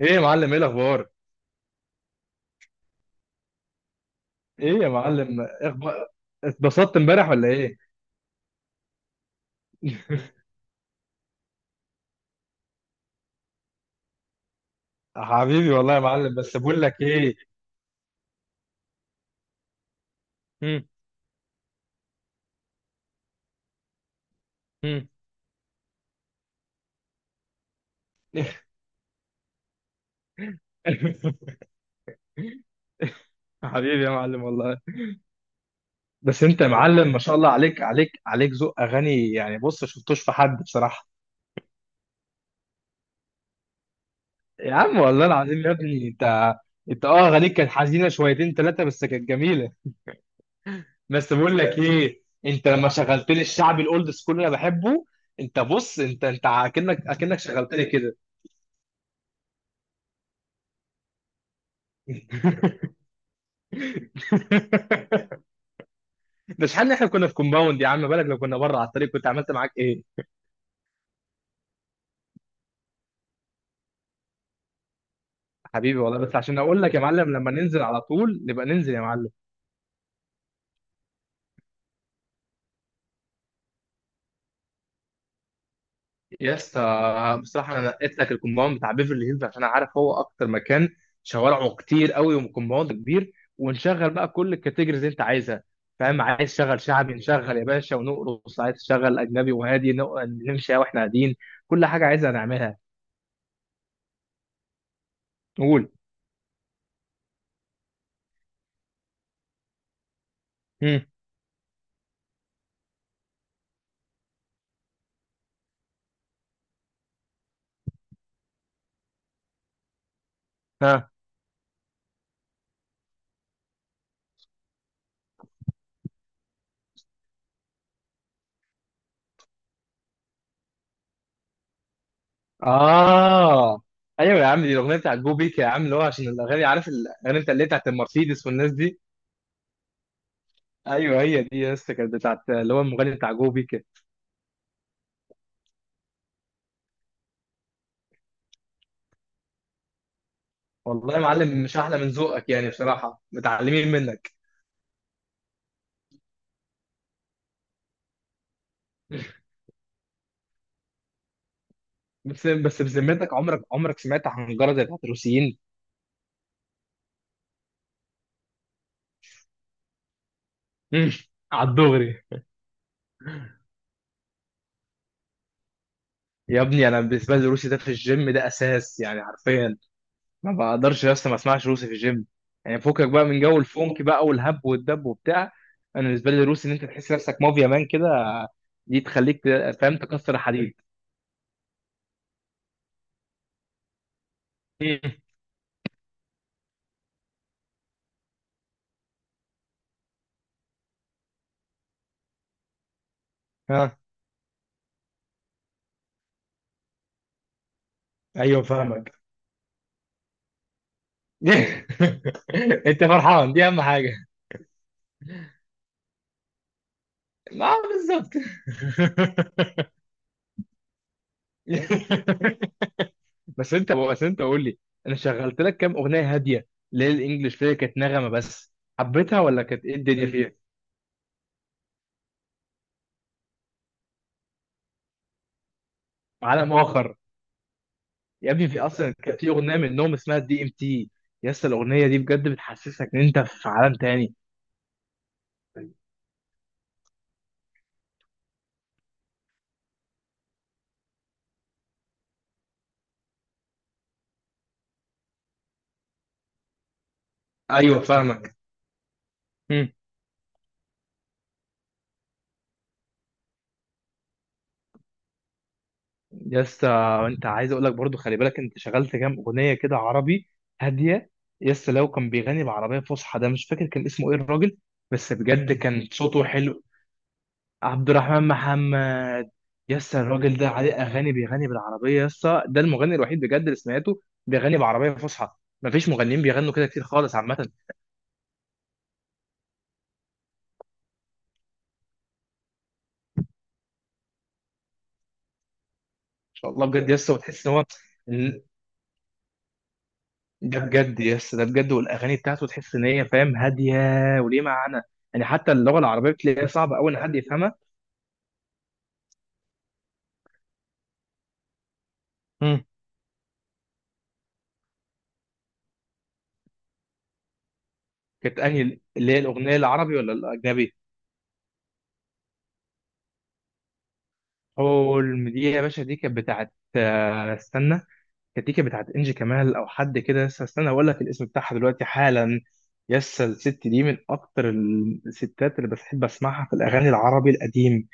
ايه يا معلم، ايه الاخبار؟ ايه يا معلم، إيه اخبار؟ اتبسطت امبارح ولا ايه؟ حبيبي والله يا معلم، بس بقول لك ايه. مم، مم. حبيبي يا معلم والله. بس انت يا معلم ما شاء الله عليك عليك عليك، ذوق اغاني يعني. بص شفتوش في حد بصراحه. يا عم والله العظيم يا ابني، انت اه اغانيك كانت حزينه شويتين ثلاثه، بس كانت جميله. بس بقول لك ايه، انت لما شغلت لي الشعبي الاولد سكول اللي انا بحبه، انت بص، انت اكنك شغلت لي كده. ده شحال احنا كنا في كومباوند يا عم، بالك لو كنا بره على الطريق كنت عملت معاك ايه؟ حبيبي والله، بس عشان اقول لك يا معلم، لما ننزل على طول نبقى ننزل يا معلم. يا اسطى بصراحه انا نقيت لك الكومباوند بتاع بيفرلي هيلز، عشان انا عارف هو اكتر مكان شوارعه كتير قوي وكومباوند كبير، ونشغل بقى كل الكاتيجوريز اللي انت عايزها. فاهم؟ عايز تشغل شعبي نشغل يا باشا ونرقص، عايز تشغل اجنبي وهادي نمشي واحنا قاعدين، كل حاجه عايزها نعملها. قول. امم. اه، ايوه يا عم دي الاغنيه بتاعت جو بيك يا عم، اللي هو عشان الاغاني، عارف الاغاني بتاع اللي هي بتاعت المرسيدس والناس دي. ايوه هي دي يا اسطى، كانت بتاعت اللي هو المغني بتاع جو بيك. والله يا معلم مش احلى من ذوقك يعني، بصراحه متعلمين منك. بس بس بذمتك عمرك عمرك سمعت حنجره زي بتاعت الروسيين؟ على الدغري. يا ابني انا بالنسبه لي الروسي ده في الجيم ده اساس يعني حرفيا. ما بقدرش يا اسطى ما اسمعش روسي في الجيم، يعني فكك بقى من جو الفونك بقى والهب والدب وبتاع. انا بالنسبه لي الروسي ان انت تحس نفسك مافيا مان كده، دي تخليك فاهم تكسر حديد. مم. ها. ايوه فاهمك. انت فرحان دي اهم حاجه. ما بالظبط. بس انت، بس انت قول لي، انا شغلت لك كام اغنيه هاديه ليه، الانجليش فيها كانت نغمه، بس حبيتها ولا كانت ايه الدنيا فيها؟ عالم اخر. يا ابني في اصلا كان في اغنيه منهم اسمها دي ام تي، يا اسطى الاغنيه دي بجد بتحسسك ان انت في عالم تاني. ايوه فاهمك. مم. يا اسطى، انت عايز اقول لك برضو، خلي بالك انت شغلت كام اغنيه كده عربي هاديه. يا اسطى لو كان بيغني بعربيه فصحى، ده مش فاكر كان اسمه ايه الراجل. بس بجد كان صوته حلو. عبد الرحمن محمد. يا اسطى الراجل ده عليه اغاني بيغني بالعربيه، يا اسطى ده المغني الوحيد بجد اللي سمعته بيغني بعربيه فصحى. مفيش مغنيين بيغنوا كده كتير خالص عامه. شاء الله بجد يس، وتحس ان هو ال- ده بجد يس، ده بجد، والاغاني بتاعته تحس ان هي فاهم هاديه وليه معنى. يعني حتى اللغه العربيه بتلاقيها صعبه قوي ان حد يفهمها. مم. كانت انهي، اللي هي الاغنيه العربي ولا الاجنبي؟ حلم دي يا باشا، دي كانت بتاعت آه، استنى. كانت دي كانت بتاعت انجي كمال او حد كده، يس استنى اقول لك الاسم بتاعها دلوقتي حالا. يس الست دي من اكتر الستات اللي بحب اسمعها في الاغاني العربي القديم.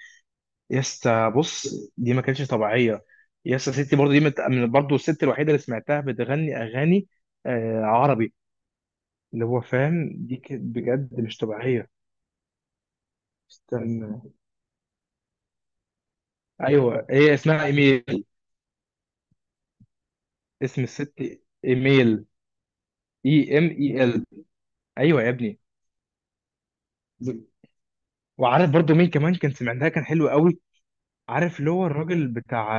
يسا بص، دي ما كانتش طبيعيه. يسا ستي برضو دي برضو الست الوحيده اللي سمعتها بتغني اغاني آه عربي، اللي هو فاهم دي كانت بجد مش طبيعيه. استنى. ايوه هي اسمها ايميل. اسم الست ايميل. اي ام اي ال. ايوه يا ابني. وعارف برضو مين كمان كان سمعناها كان حلو قوي؟ عارف اللي هو الراجل بتاع،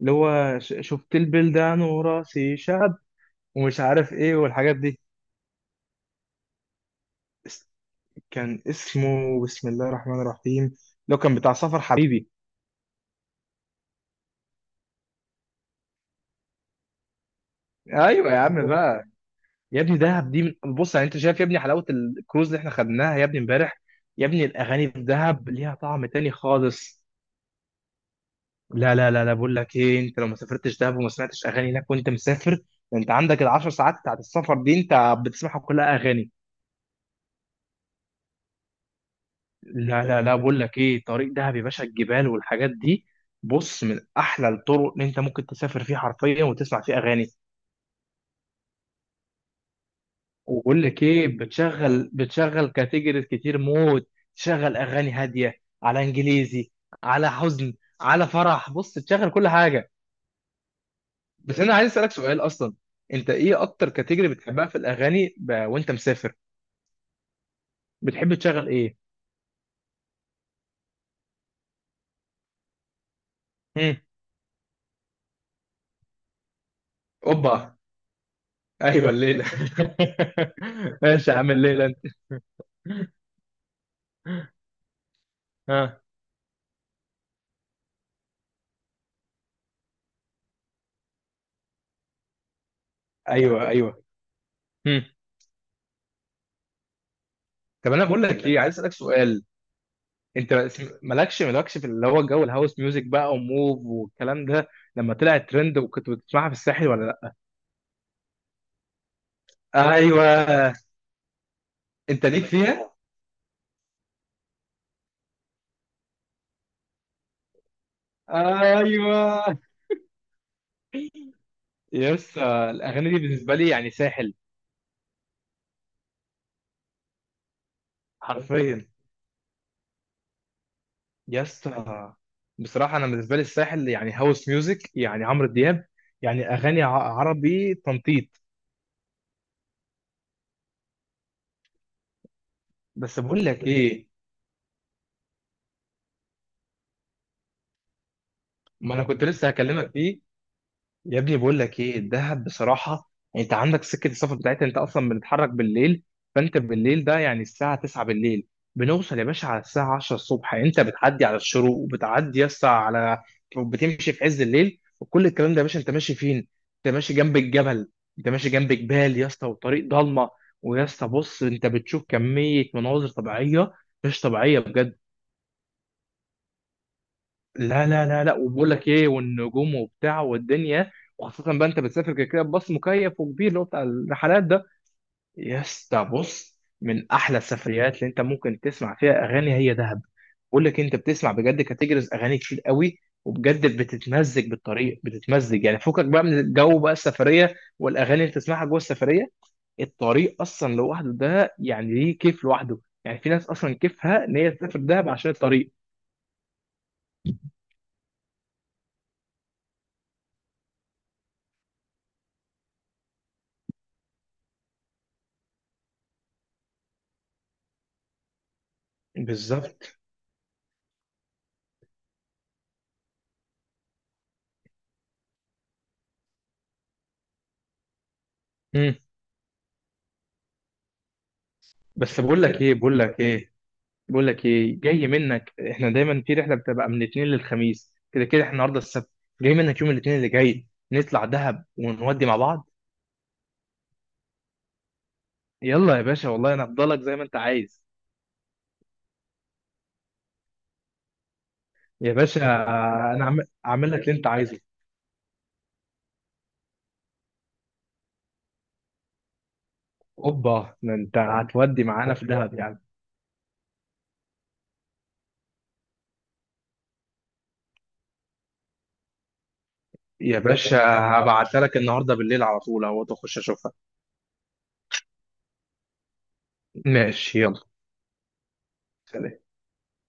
اللي هو شفت البلدان وراسي شعب ومش عارف ايه والحاجات دي؟ كان اسمه بسم الله الرحمن الرحيم، لو كان بتاع سفر حبيبي. ايوه يا عم بقى. يا ابني دهب دي من... بص يعني انت شايف يا ابني حلاوه الكروز اللي احنا خدناها يا ابني امبارح؟ يا ابني الاغاني في دهب ليها طعم تاني خالص. لا لا لا لا، بقول لك ايه، انت لو ما سافرتش دهب وما سمعتش اغاني هناك وانت مسافر، ده انت عندك العشر ساعات بتاعت السفر دي انت بتسمعها كلها اغاني. لا لا لا، بقول لك ايه، طريق دهب يا باشا الجبال والحاجات دي، بص من احلى الطرق اللي انت ممكن تسافر فيها حرفيا وتسمع فيها اغاني. وبقول لك ايه، بتشغل كاتيجوريز كتير موت، تشغل اغاني هاديه على انجليزي، على حزن، على فرح، بص تشغل كل حاجه. بس انا عايز اسالك سؤال اصلا، انت ايه اكتر كاتيجوري بتحبها في الاغاني وانت مسافر؟ بتحب تشغل ايه؟ هم. اوبا. ايوه الليله. ماشي يا عم الليله انت. ها. ايوه ايوه. هم. طب انا بقول لك ايه، عايز اسالك سؤال. مالكش مالكش في اللي هو جو الهاوس ميوزك بقى وموف والكلام ده لما طلع ترند، وكنت بتسمعها في الساحل ولا لا؟ ايوه. انت ليك فيها. ايوه. يس الاغاني دي بالنسبه لي يعني ساحل، حرفيا. يس. بصراحه انا بالنسبه لي الساحل يعني هاوس ميوزك، يعني عمرو دياب، يعني اغاني عربي تنطيط. بس بقول لك ايه، ما انا كنت لسه هكلمك فيه. يا ابني بقول لك ايه الدهب بصراحه، يعني انت عندك سكه السفر بتاعتها، انت اصلا بنتحرك بالليل، فانت بالليل ده يعني الساعه 9 بالليل بنوصل يا باشا على الساعه 10 الصبح، يعني انت بتعدي على الشروق وبتعدي يا اسطى على، بتمشي في عز الليل وكل الكلام ده. يا باشا انت ماشي فين؟ انت ماشي جنب الجبل، انت ماشي جنب جبال يا اسطى، وطريق ضلمه، ويا اسطى بص انت بتشوف كميه مناظر طبيعيه مش طبيعيه بجد. لا لا لا لا، وبقول لك ايه، والنجوم وبتاع والدنيا، وخاصة بقى انت بتسافر كده كده بباص مكيف وكبير اللي هو بتاع الرحلات ده. يا اسطى بص، من احلى السفريات اللي انت ممكن تسمع فيها اغاني هي دهب. بقول لك انت بتسمع بجد كاتيجوريز اغاني كتير قوي، وبجد بتتمزج بالطريق، بتتمزج يعني، فكك بقى من الجو بقى السفرية والاغاني اللي بتسمعها جوه السفرية. الطريق اصلا لوحده ده يعني ليه كيف لوحده، يعني في ناس اصلا كيفها ان هي تسافر دهب عشان الطريق. بالظبط. بس بقول لك ايه، بقول لك ايه، بقول لك ايه جاي منك، احنا دايما في رحله بتبقى من الاثنين للخميس كده كده، احنا النهارده السبت، جاي منك يوم الاثنين اللي جاي نطلع دهب ونودي مع بعض. يلا يا باشا والله انا هفضلك زي ما انت عايز. يا باشا، انا اعمل لك اللي انت عايزه. اوبا، ده انت هتودي معانا في دهب يعني؟ يا باشا هبعتها لك النهارده بالليل على طول اهو تخش اشوفها. ماشي يلا. سلام.